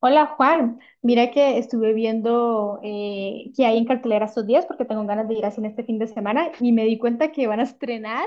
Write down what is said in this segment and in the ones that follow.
Hola Juan, mira que estuve viendo qué hay en cartelera estos días porque tengo ganas de ir al cine este fin de semana y me di cuenta que van a estrenar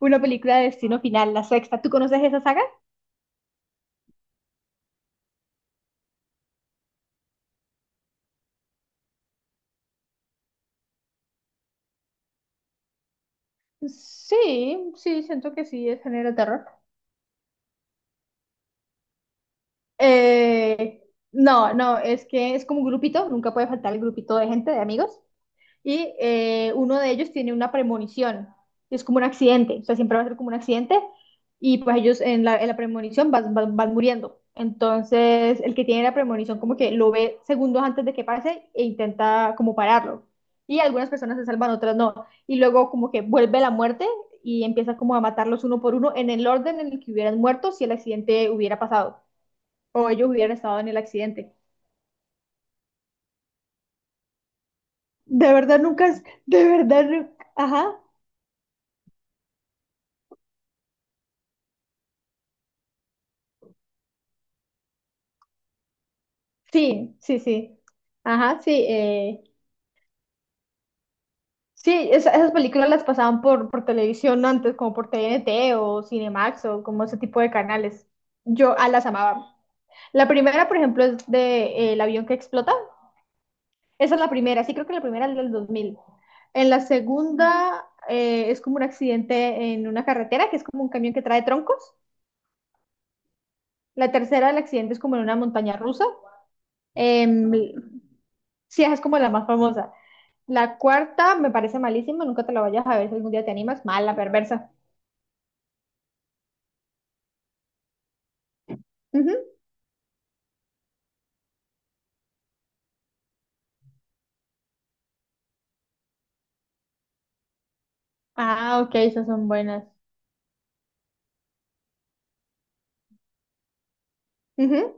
una película de Destino Final, la sexta. ¿Tú conoces esa saga? Sí, sí, siento que sí, es género de terror. Eh, no, es que es como un grupito, nunca puede faltar el grupito de gente, de amigos, y uno de ellos tiene una premonición, es como un accidente, o sea, siempre va a ser como un accidente, y pues ellos en la premonición van muriendo. Entonces, el que tiene la premonición como que lo ve segundos antes de que pase e intenta como pararlo. Y algunas personas se salvan, otras no. Y luego como que vuelve la muerte y empieza como a matarlos uno por uno en el orden en el que hubieran muerto si el accidente hubiera pasado o ellos hubieran estado en el accidente. De verdad nunca, es de verdad, ajá. Sí, sí, sí. Ajá, sí. Sí, esas películas las pasaban por televisión antes, como por TNT o Cinemax o como ese tipo de canales. Yo a las amaba. La primera, por ejemplo, es de El avión que explota. Esa es la primera, sí creo que la primera es del 2000. En la segunda es como un accidente en una carretera, que es como un camión que trae troncos. La tercera, el accidente es como en una montaña rusa. Em, sí, esa es como la más famosa. La cuarta me parece malísima, nunca te la vayas a ver si algún día te animas. Mala, perversa. Ujú. Ah, ok, esas son buenas. Ujú,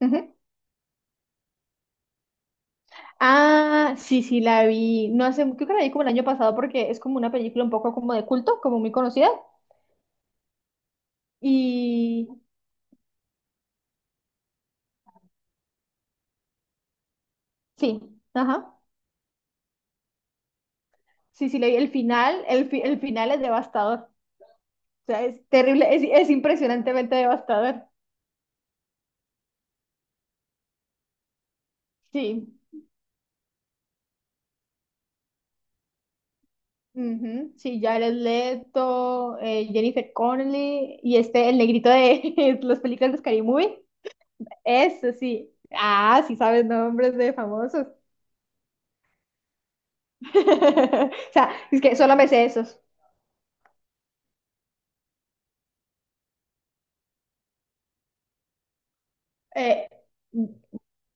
ujú. Ah, sí, sí, la vi. No hace, creo que la vi como el año pasado porque es como una película un poco como de culto, como muy conocida. Y sí, ajá. Sí, sí, la vi. El final, el final es devastador. O sea, es terrible, es impresionantemente devastador. Sí. Ujú, sí, Jared Leto, Jennifer Connelly y este, el negrito de las películas de Scary Movie. Eso sí. Ah, sí sabes nombres de famosos. O sea, es que solo me sé esos. Eh,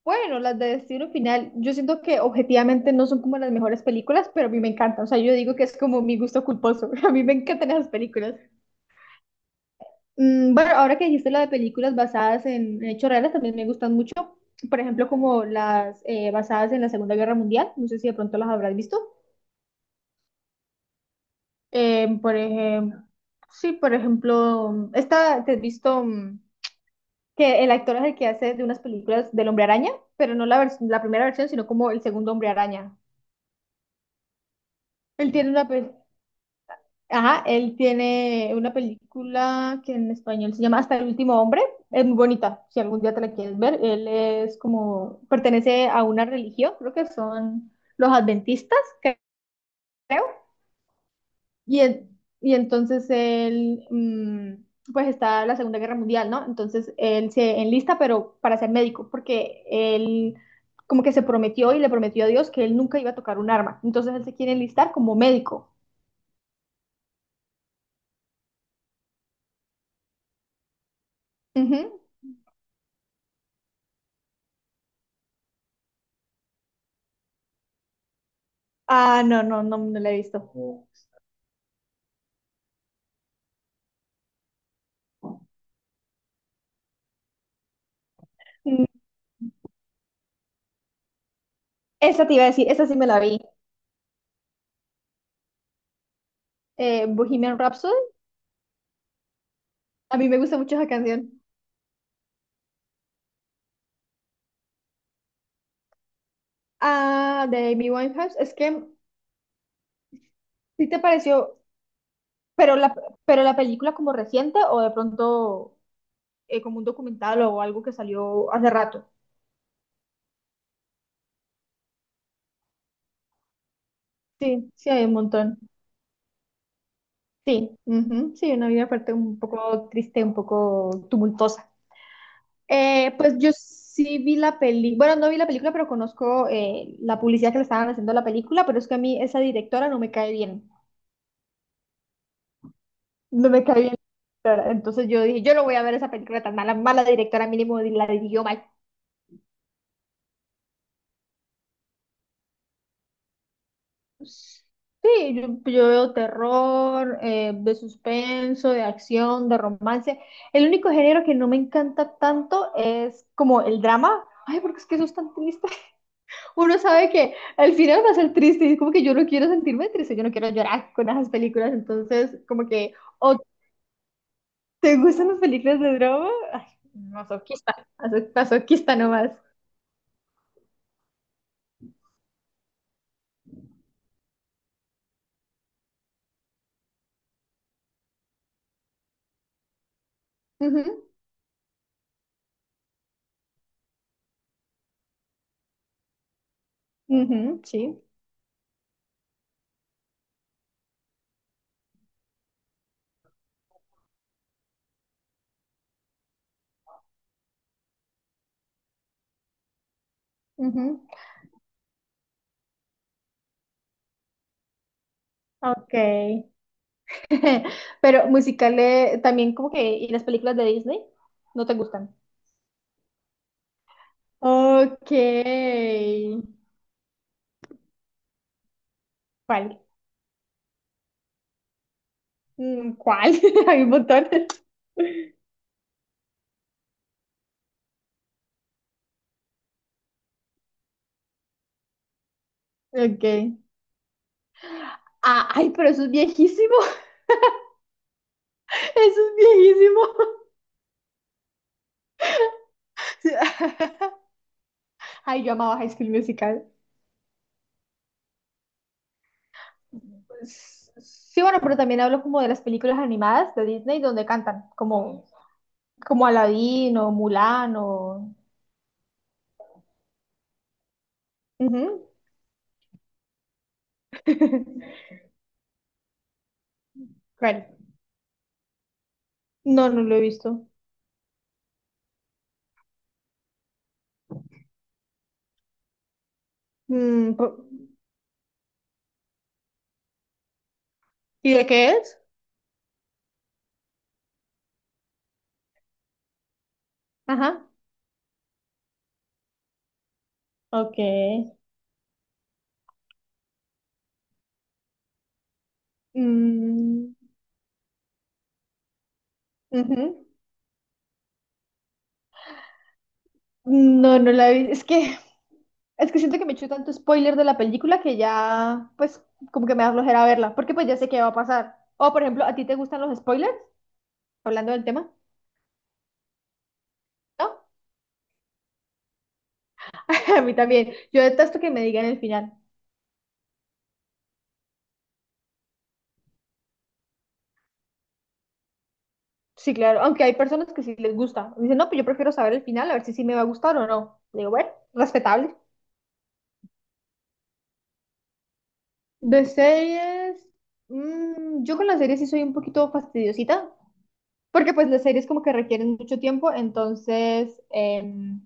bueno, las de Destino Final, yo siento que objetivamente no son como las mejores películas, pero a mí me encantan. O sea, yo digo que es como mi gusto culposo. A mí me encantan esas películas. Mm, bueno, ahora que dijiste la de películas basadas en hechos reales, también me gustan mucho. Por ejemplo, como las basadas en la Segunda Guerra Mundial. No sé si de pronto las habrás visto. Eh, por ejemplo, sí, por ejemplo, esta te has visto que el actor es el que hace de unas películas del Hombre Araña, pero no la, vers- la primera versión, sino como el segundo Hombre Araña. Él tiene una, pe- Ajá, él tiene una película que en español se llama Hasta el último hombre. Es muy bonita, si algún día te la quieres ver. Él es como, pertenece a una religión, creo que son los adventistas, cre- creo. Y, y entonces él, pues está la Segunda Guerra Mundial, ¿no? Entonces él se enlista, pero para ser médico, porque él como que se prometió y le prometió a Dios que él nunca iba a tocar un arma. Entonces él se quiere enlistar como médico. Ujú. Ah, no, no la he visto. Esa te iba a decir, esa sí me la vi. Bohemian Rhapsody. A mí me gusta mucho esa canción. Ah, de Amy Winehouse. Es que sí te pareció, pero pero la película como reciente o de pronto como un documental o algo que salió hace rato. Sí, sí hay un montón. Sí, ujú, sí, una vida aparte un poco triste, un poco tumultuosa. Pues yo sí vi la peli, bueno, no vi la película, pero conozco la publicidad que le estaban haciendo a la película, pero es que a mí esa directora no me cae bien. No me cae bien la directora. Entonces yo dije, yo no voy a ver esa película tan mala, mala directora mínimo la dirigió mal. Sí, yo veo terror, de suspenso, de acción, de romance. El único género que no me encanta tanto es como el drama. Ay, porque es que eso es tan triste. Uno sabe que al final va a ser triste y es como que yo no quiero sentirme triste, yo no quiero llorar con esas películas. Entonces, como que, o te gustan las películas de drama, ay, masoquista, masoquista nomás. Ujú. Ujú, sí. Ujú. Ok. Pero musicales también como que... ¿Y las películas de Disney? ¿No te gustan? Ok. ¿Cuál? Mm, ¿cuál? Hay un montón. Ok. Ah, ay, pero eso es viejísimo. Eso es viejísimo. Sí. Ay, yo amaba High School Musical. Sí, bueno, pero también hablo como de las películas animadas de Disney donde cantan, como, como Aladdin o Mulan o... Ujú. ¿Cuál? No, no lo he visto. Mm, po- ¿Y de qué es? Ajá, ok. Mm, ujú. No, no la vi. Es que siento que me echo tanto spoiler de la película que ya, pues, como que me da flojera verla, porque pues ya sé qué va a pasar. O, por ejemplo, ¿a ti te gustan los spoilers? Hablando del tema, ¿no? A mí también. Yo detesto que me digan el final. Sí, claro. Aunque hay personas que sí les gusta. Dicen, no, pues yo prefiero saber el final, a ver si sí me va a gustar o no. Digo, bueno, respetable. De series, mm, yo con las series sí soy un poquito fastidiosita, porque pues las series como que requieren mucho tiempo, entonces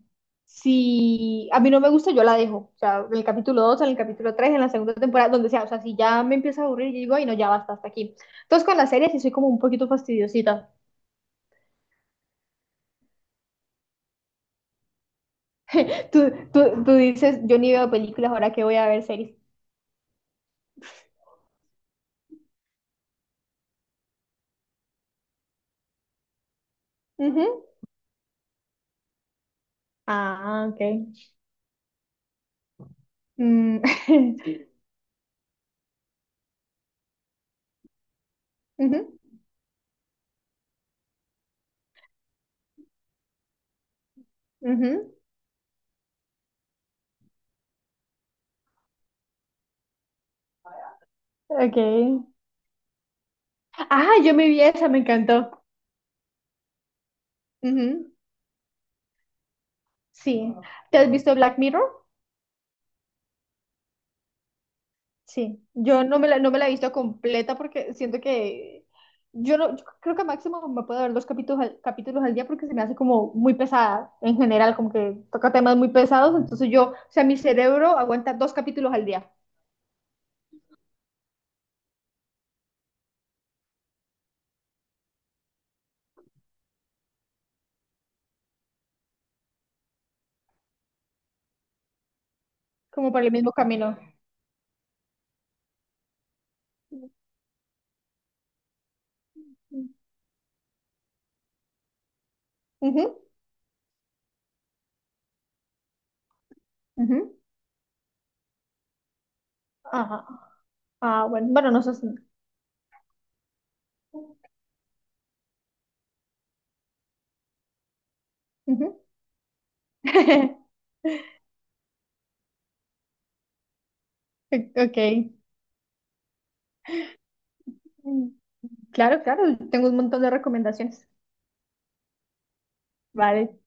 si a mí no me gusta, yo la dejo, o sea, en el capítulo 2, en el capítulo 3 en la segunda temporada, donde sea, o sea, si ya me empieza a aburrir, yo digo, ay no, ya basta, hasta aquí. Entonces con las series sí soy como un poquito fastidiosita. Tú dices, yo ni veo películas, ahora que voy a ver series. Ujú. Ah, ok. Mm, ujú, ujú, ok. Ah, yo me vi esa, me encantó. Ujú, sí. ¿Te has visto Black Mirror? Sí. Yo no me la, no me la he visto completa porque siento que yo no, yo creo que máximo me puedo ver dos capítulos capítulos al día porque se me hace como muy pesada en general, como que toca temas muy pesados, entonces yo, o sea, mi cerebro aguanta dos capítulos al día, como por el mismo camino. Ujú, ujú. Ajá. Ah, bueno, bueno, no sé si... Ujú. Ok. Claro, claro, tengo un montón de recomendaciones. Vale,